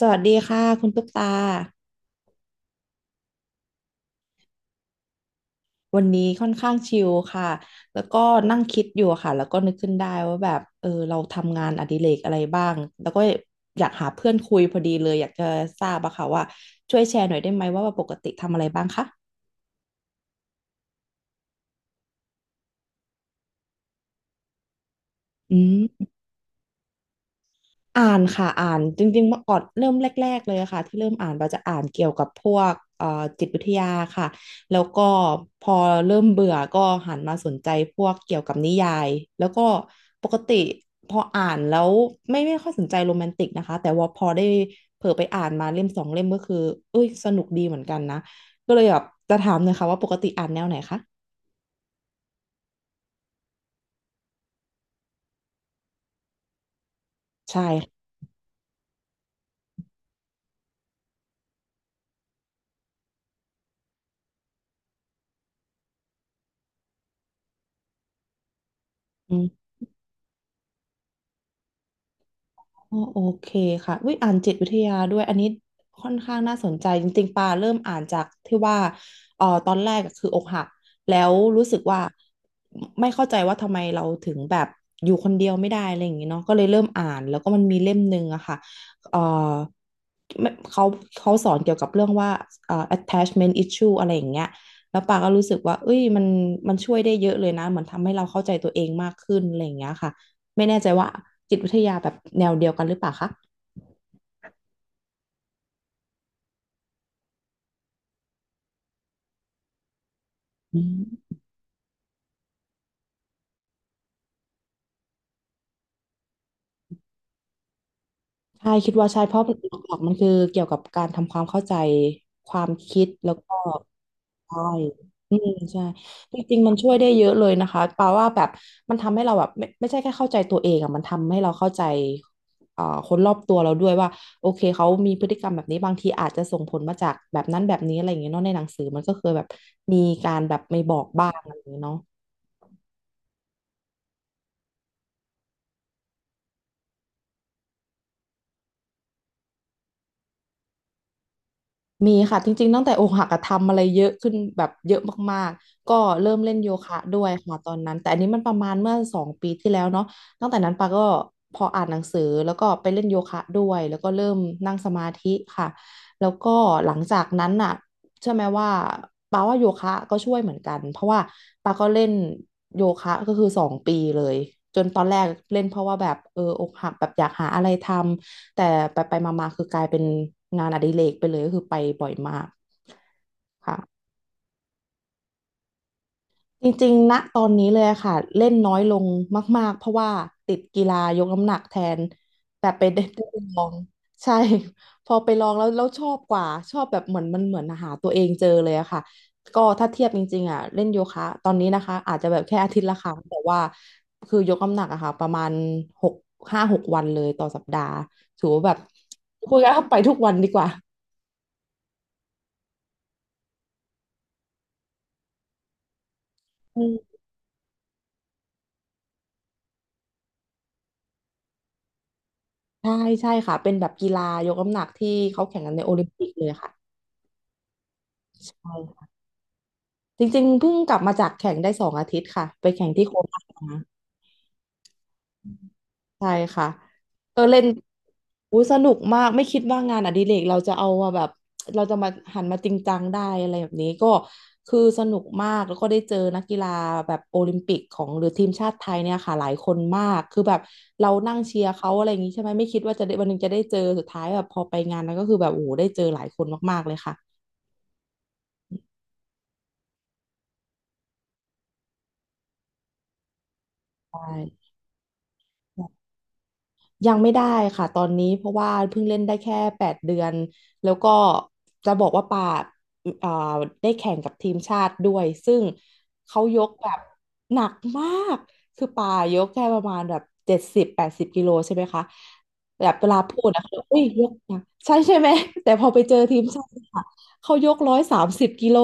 สวัสดีค่ะคุณตุ๊กตาวันนี้ค่อนข้างชิลค่ะแล้วก็นั่งคิดอยู่ค่ะแล้วก็นึกขึ้นได้ว่าแบบเราทำงานอดิเรกอะไรบ้างแล้วก็อยากหาเพื่อนคุยพอดีเลยอยากจะทราบอะค่ะว่าช่วยแชร์หน่อยได้ไหมว่าปกติทำอะไรบ้างคะอืม อ่านค่ะอ่านจริงๆเมื่อก่อนเริ่มแรกๆเลยค่ะที่เริ่มอ่านเราจะอ่านเกี่ยวกับพวกจิตวิทยาค่ะแล้วก็พอเริ่มเบื่อก็หันมาสนใจพวกเกี่ยวกับนิยายแล้วก็ปกติพออ่านแล้วไม่ค่อยสนใจโรแมนติกนะคะแต่ว่าพอได้เผลอไปอ่านมาเล่มสองเล่มก็คือเอ้ยสนุกดีเหมือนกันนะก็เลยแบบจะถามเลยค่ะว่าปกติอ่านแนวไหนคะใช่ค่ะ อ๋อโอเคค่ะวิอยอ่านจิตวิทยาด้วยอันนี้ค่อนข้างน่าสนใจจริงๆปาเริ่มอ่านจากที่ว่าตอนแรกอะคืออกหักแล้วรู้สึกว่าไม่เข้าใจว่าทำไมเราถึงแบบอยู่คนเดียวไม่ได้อะไรอย่างงี้เนาะก็เลยเริ่มอ่านแล้วก็มันมีเล่มหนึ่งอะค่ะเอ่อไม่เขาเขาสอนเกี่ยวกับเรื่องว่าattachment issue อะไรอย่างเงี้ยแล้วปาก็รู้สึกว่าเอ้ยมันช่วยได้เยอะเลยนะเหมือนทำให้เราเข้าใจตัวเองมากขึ้นอะไรอย่างเงี้ยค่ะ ไม่แน่ใจว่าจิตวิทยาแบบแนวเดียวกันหรือเปล่าคะอืมใช่คิดว่าใช่เพราะหลักๆมันคือเกี่ยวกับการทำความเข้าใจความคิดแล้วก็ใช่อืมใช่จริงๆมันช่วยได้เยอะเลยนะคะแปาว่าแบบมันทำให้เราแบบไม่ใช่แค่เข้าใจตัวเองอะมันทำให้เราเข้าใจเอ่อคนรอบตัวเราด้วยว่าโอเคเขามีพฤติกรรมแบบนี้บางทีอาจจะส่งผลมาจากแบบนั้นแบบนี้อะไรอย่างเงี้ยเนาะในหนังสือมันก็เคยแบบมีการแบบไม่บอกบ้างอะไรอย่างเงี้ยเนาะ มีค่ะจริงๆตั้งแต่อกหักอะทำอะไรเยอะขึ้นแบบเยอะมากๆก็เริ่มเล่นโยคะด้วยค่ะตอนนั้นแต่อันนี้มันประมาณเมื่อสองปีที่แล้วเนาะตั้งแต่นั้นปาก็พออ่านหนังสือแล้วก็ไปเล่นโยคะด้วยแล้วก็เริ่มนั่งสมาธิค่ะแล้วก็หลังจากนั้นน่ะเชื่อไหมว่าปาว่าโยคะก็ช่วยเหมือนกันเพราะว่าปาก็เล่นโยคะก็คือสองปีเลยจนตอนแรกเล่นเพราะว่าแบบเอออกหักแบบอยากหาอะไรทำ แต่ไปไปมามาๆคือกลายเป็นงานอดิเรกไปเลยก็คือไปบ่อยมากค่ะจริงๆณตอนนี้เลยอะค่ะเล่นน้อยลงมากๆเพราะว่าติดกีฬายกน้ำหนักแทนแต่ไปได้ไปลองใช่ พอไปลองแล้วชอบกว่าชอบแบบเหมือนมันเหมือนหาตัวเองเจอเลยอะค่ะก็ถ้าเทียบจริงๆอะเล่นโยคะตอนนี้นะคะอาจจะแบบแค่อาทิตย์ละครั้งแต่ว่าคือยกน้ำหนักอะค่ะประมาณหกห้าหกวันเลยต่อสัปดาห์ถือว่าแบบคุยกันเข้าไปทุกวันดีกว่า อืมใช่ใช่ค่ะเป็นแบบกีฬายกน้ำหนักที่เขาแข่งกันในโอลิมปิกเลยค่ะใช่จริงๆเพิ่งกลับมาจากแข่งได้2 อาทิตย์ค่ะไปแข่งที่โคนาชมา ใช่ค่ะเออเล่นอุ้ยสนุกมากไม่คิดว่างานอดิเรกเราจะเอามาแบบเราจะมาหันมาจริงจังได้อะไรแบบนี้ก็คือสนุกมากแล้วก็ได้เจอนักกีฬาแบบโอลิมปิกของหรือทีมชาติไทยเนี่ยค่ะหลายคนมากคือแบบเรานั่งเชียร์เขาอะไรอย่างนี้ใช่ไหมไม่คิดว่าจะได้วันหนึงจะได้เจอสุดท้ายแบบพอไปงานนั้นก็คือแบบโอ้โหได้เจอหลายคนมากๆเลยค่ะใช่ ยังไม่ได้ค่ะตอนนี้เพราะว่าเพิ่งเล่นได้แค่8 เดือนแล้วก็จะบอกว่าปาเอ่อได้แข่งกับทีมชาติด้วยซึ่งเขายกแบบหนักมากคือปายกแค่ประมาณแบบ70-80 กิโลใช่ไหมคะแบบเวลาพูดนะเขาบอกอุ้ยยกหนกใช่ใช่ไหมแต่พอไปเจอทีมชาติค่ะเขายก130 กิโล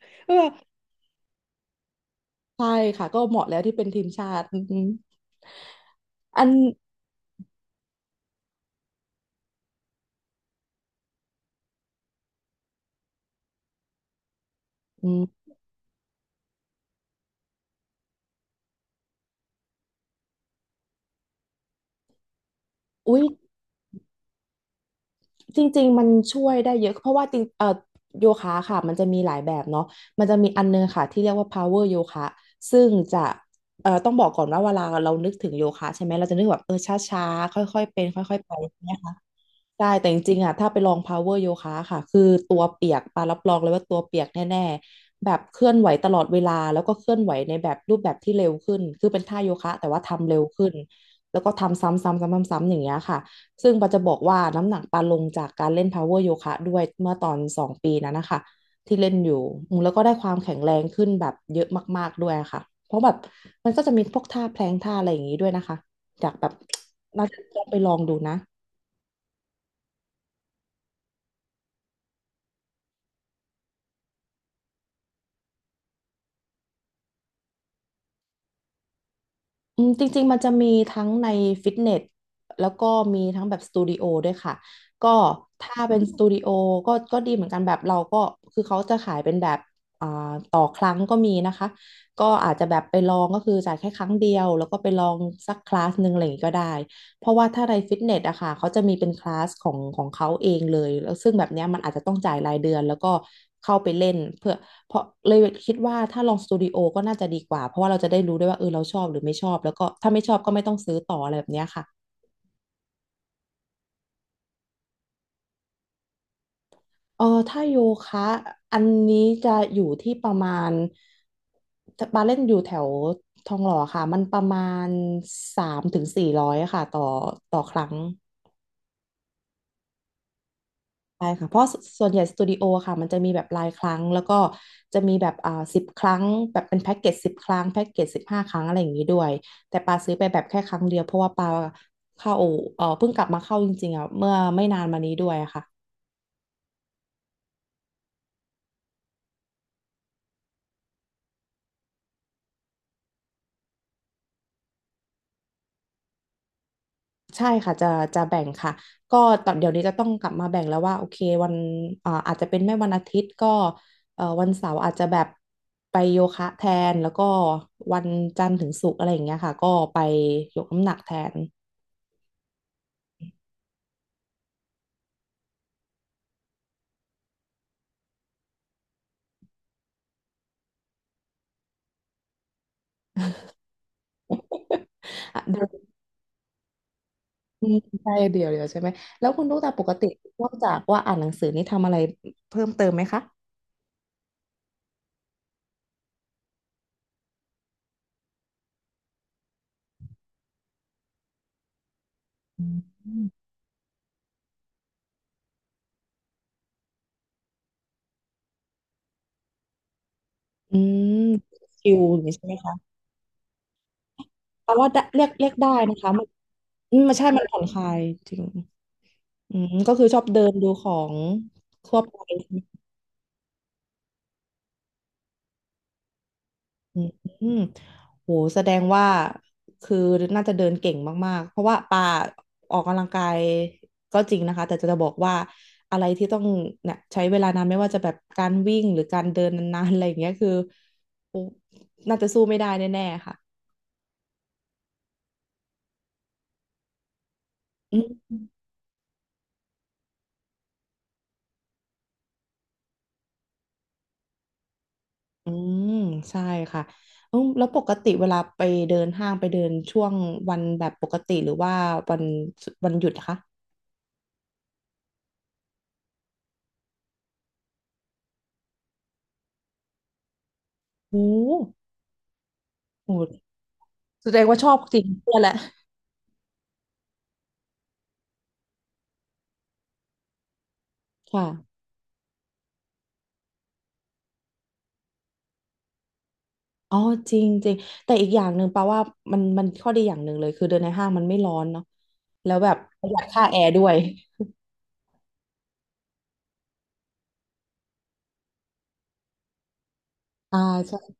เออใช่ค่ะก็เหมาะแล้วที่เป็นทีมชาติอืมอันอืมอุ๊ย จริงๆ มันช่วยได้เยอะเพราะว่าจริงโยคะค่ะมันจะมีหลายแบบเนาะมันจะมีอันนึงค่ะที่เรียกว่า power โยคะซึ่งจะต้องบอกก่อนว่าเวลาเรานึกถึงโยคะใช่ไหมเราจะนึกแบบช้าๆค่อยๆเป็นค่อยๆไป ใช่แต่จริงๆอ่ะถ้าไปลอง power โยคะค่ะคือตัวเปียกปารับรองเลยว่าตัวเปียกแน่ๆแบบเคลื่อนไหวตลอดเวลาแล้วก็เคลื่อนไหวในแบบรูปแบบที่เร็วขึ้นคือเป็นท่าโยคะแต่ว่าทำเร็วขึ้นแล้วก็ทำซ้ำๆซ้ำๆๆๆอย่างเงี้ยค่ะซึ่งปาจะบอกว่าน้ำหนักปาลงจากการเล่น power โยคะด้วยเมื่อตอน2 ปีนั้นนะคะที่เล่นอยู่อืมแล้วก็ได้ความแข็งแรงขึ้นแบบเยอะมากๆด้วยค่ะเพราะแบบมันก็จะมีพวกท่าแพลงท่าอะไรอย่างงี้ด้วยนะคะจากแบบน่าจะต้องไปลองดูนะ อืมจริงๆมันจะมีทั้งในฟิตเนสแล้วก็มีทั้งแบบสตูดิโอด้วยค่ะก็ถ้าเป็นสตูดิโอก็ดีเหมือนกันแบบเราก็คือเขาจะขายเป็นแบบอ่าต่อครั้งก็มีนะคะก็อาจจะแบบไปลองก็คือจ่ายแค่ครั้งเดียวแล้วก็ไปลองสักคลาสหนึ่งอะไรอย่างงี้ก็ได้เพราะว่าถ้าในฟิตเนสอะค่ะเขาจะมีเป็นคลาสของเขาเองเลยแล้วซึ่งแบบเนี้ยมันอาจจะต้องจ่ายรายเดือนแล้วก็เข้าไปเล่นเพื่อ เพราะเลยคิดว่าถ้าลองสตูดิโอก็น่าจะดีกว่าเพราะว่าเราจะได้รู้ด้วยว่าเออเราชอบหรือไม่ชอบแล้วก็ถ้าไม่ชอบก็ไม่ต้องซื้อต่ออะไรแบบเนี้ยค่ะเออถ้าโยคะอันนี้จะอยู่ที่ประมาณบาร์เล่นอยู่แถวทองหล่อค่ะมันประมาณ300 ถึง 400ค่ะต่อครั้ง ใช่ค่ะเพราะสส่วนใหญ่สตูดิโอค่ะมันจะมีแบบรายครั้งแล้วก็จะมีแบบสิบครั้งแบบเป็นแพ็กเกจสิบครั้งแพ็กเกจ15 ครั้งอะไรอย่างนี้ด้วยแต่ปาซื้อไปแบบแค่ครั้งเดียวเพราะว่าปาเข้าเพิ่งกลับมาเข้าจริงๆอ่ะเมื่อไม่นานมานี้ด้วยอะค่ะใช่ค่ะจะแบ่งค่ะก็ตอนเดี๋ยวนี้จะต้องกลับมาแบ่งแล้วว่าโอเควันอาจจะเป็นไม่วันอาทิตย์ก็วันเสาร์อาจจะแบบไปโยคะแทนแล้วก็วันจันทร์ถึงศุกร์อะไรอย่างเงี้ยค่ะก็ไปยกน้ำหนักแทน อ่ะเดี๋ยวอืมใช่เดี๋ยวใช่ไหมแล้วคุณตุ๊กตาปกตินอกจากว่าอ่านหนังสือนี่ทำอะไรเพิ่มเติมไหมคะอืมอืมชิลอย่างนี้ใช่ไหมคะแต่ว่าได้เรียกได้นะคะมันอืมมันใช่มันผ่อนคลายจริงอืมก็คือชอบเดินดูของทั่วไป อืมอืมโหแสดงว่าคือน่าจะเดินเก่งมากๆเพราะว่าป่าออกกำลังกายก็จริงนะคะแต่จะบอกว่าอะไรที่ต้องเนี่ยใช้เวลานานไม่ว่าจะแบบการวิ่งหรือการเดินนานๆอะไรอย่างเงี้ยคือโอ้น่าจะสู้ไม่ได้แน่ๆค่ะอืมอืมใช่ค่ะเอาแล้วปกติเวลาไปเดินห้างไปเดินช่วงวันแบบปกติหรือว่าวันวันหยุดอะคะโอ้โหแสดงว่าชอบจริงเพื่อแหละค่ะ อ๋อจริงจริงแต่อีกอย่างหนึ่งแปลว่ามันข้อดีอย่างหนึ่งเลยคือเดินในห้างมันไม่ร้อนเนาะแล้วแบบประหยัดค่าแอร์ด้วยอ่าใช่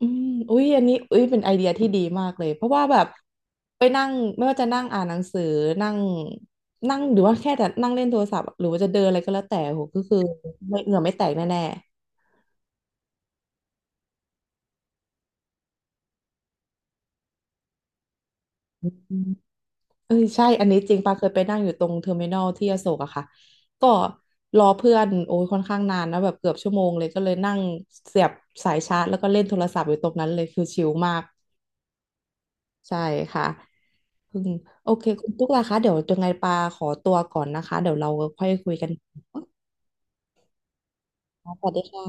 อืมอุ้ยอันนี้อุ้ยเป็นไอเดียที่ดีมากเลยเพราะว่าแบบไปนั่งไม่ว่าจะนั่งอ่านหนังสือนั่งนั่งหรือว่าแค่แต่นั่งเล่นโทรศัพท์หรือว่าจะเดินอะไรก็แล้วแต่โหก็คือไม่เหงื่อไม่แตกแน่ๆอืม เออใช่อันนี้จริงปาเคยไปนั่งอยู่ตรงเทอร์มินอลที่อโศกอะค่ะก็รอเพื่อนโอ้ยค่อนข้างนานนะแบบเกือบ 1 ชั่วโมงเลยก็เลยนั่งเสียบสายชาร์จแล้วก็เล่นโทรศัพท์อยู่ตรงนั้นเลยคือชิลมากใช่ค่ะอืมโอเคคุณตุ๊กล่ะคะเดี๋ยวยังไงปาขอตัวก่อนนะคะเดี๋ยวเราค่อยคุยกันสวัสดีค่ะ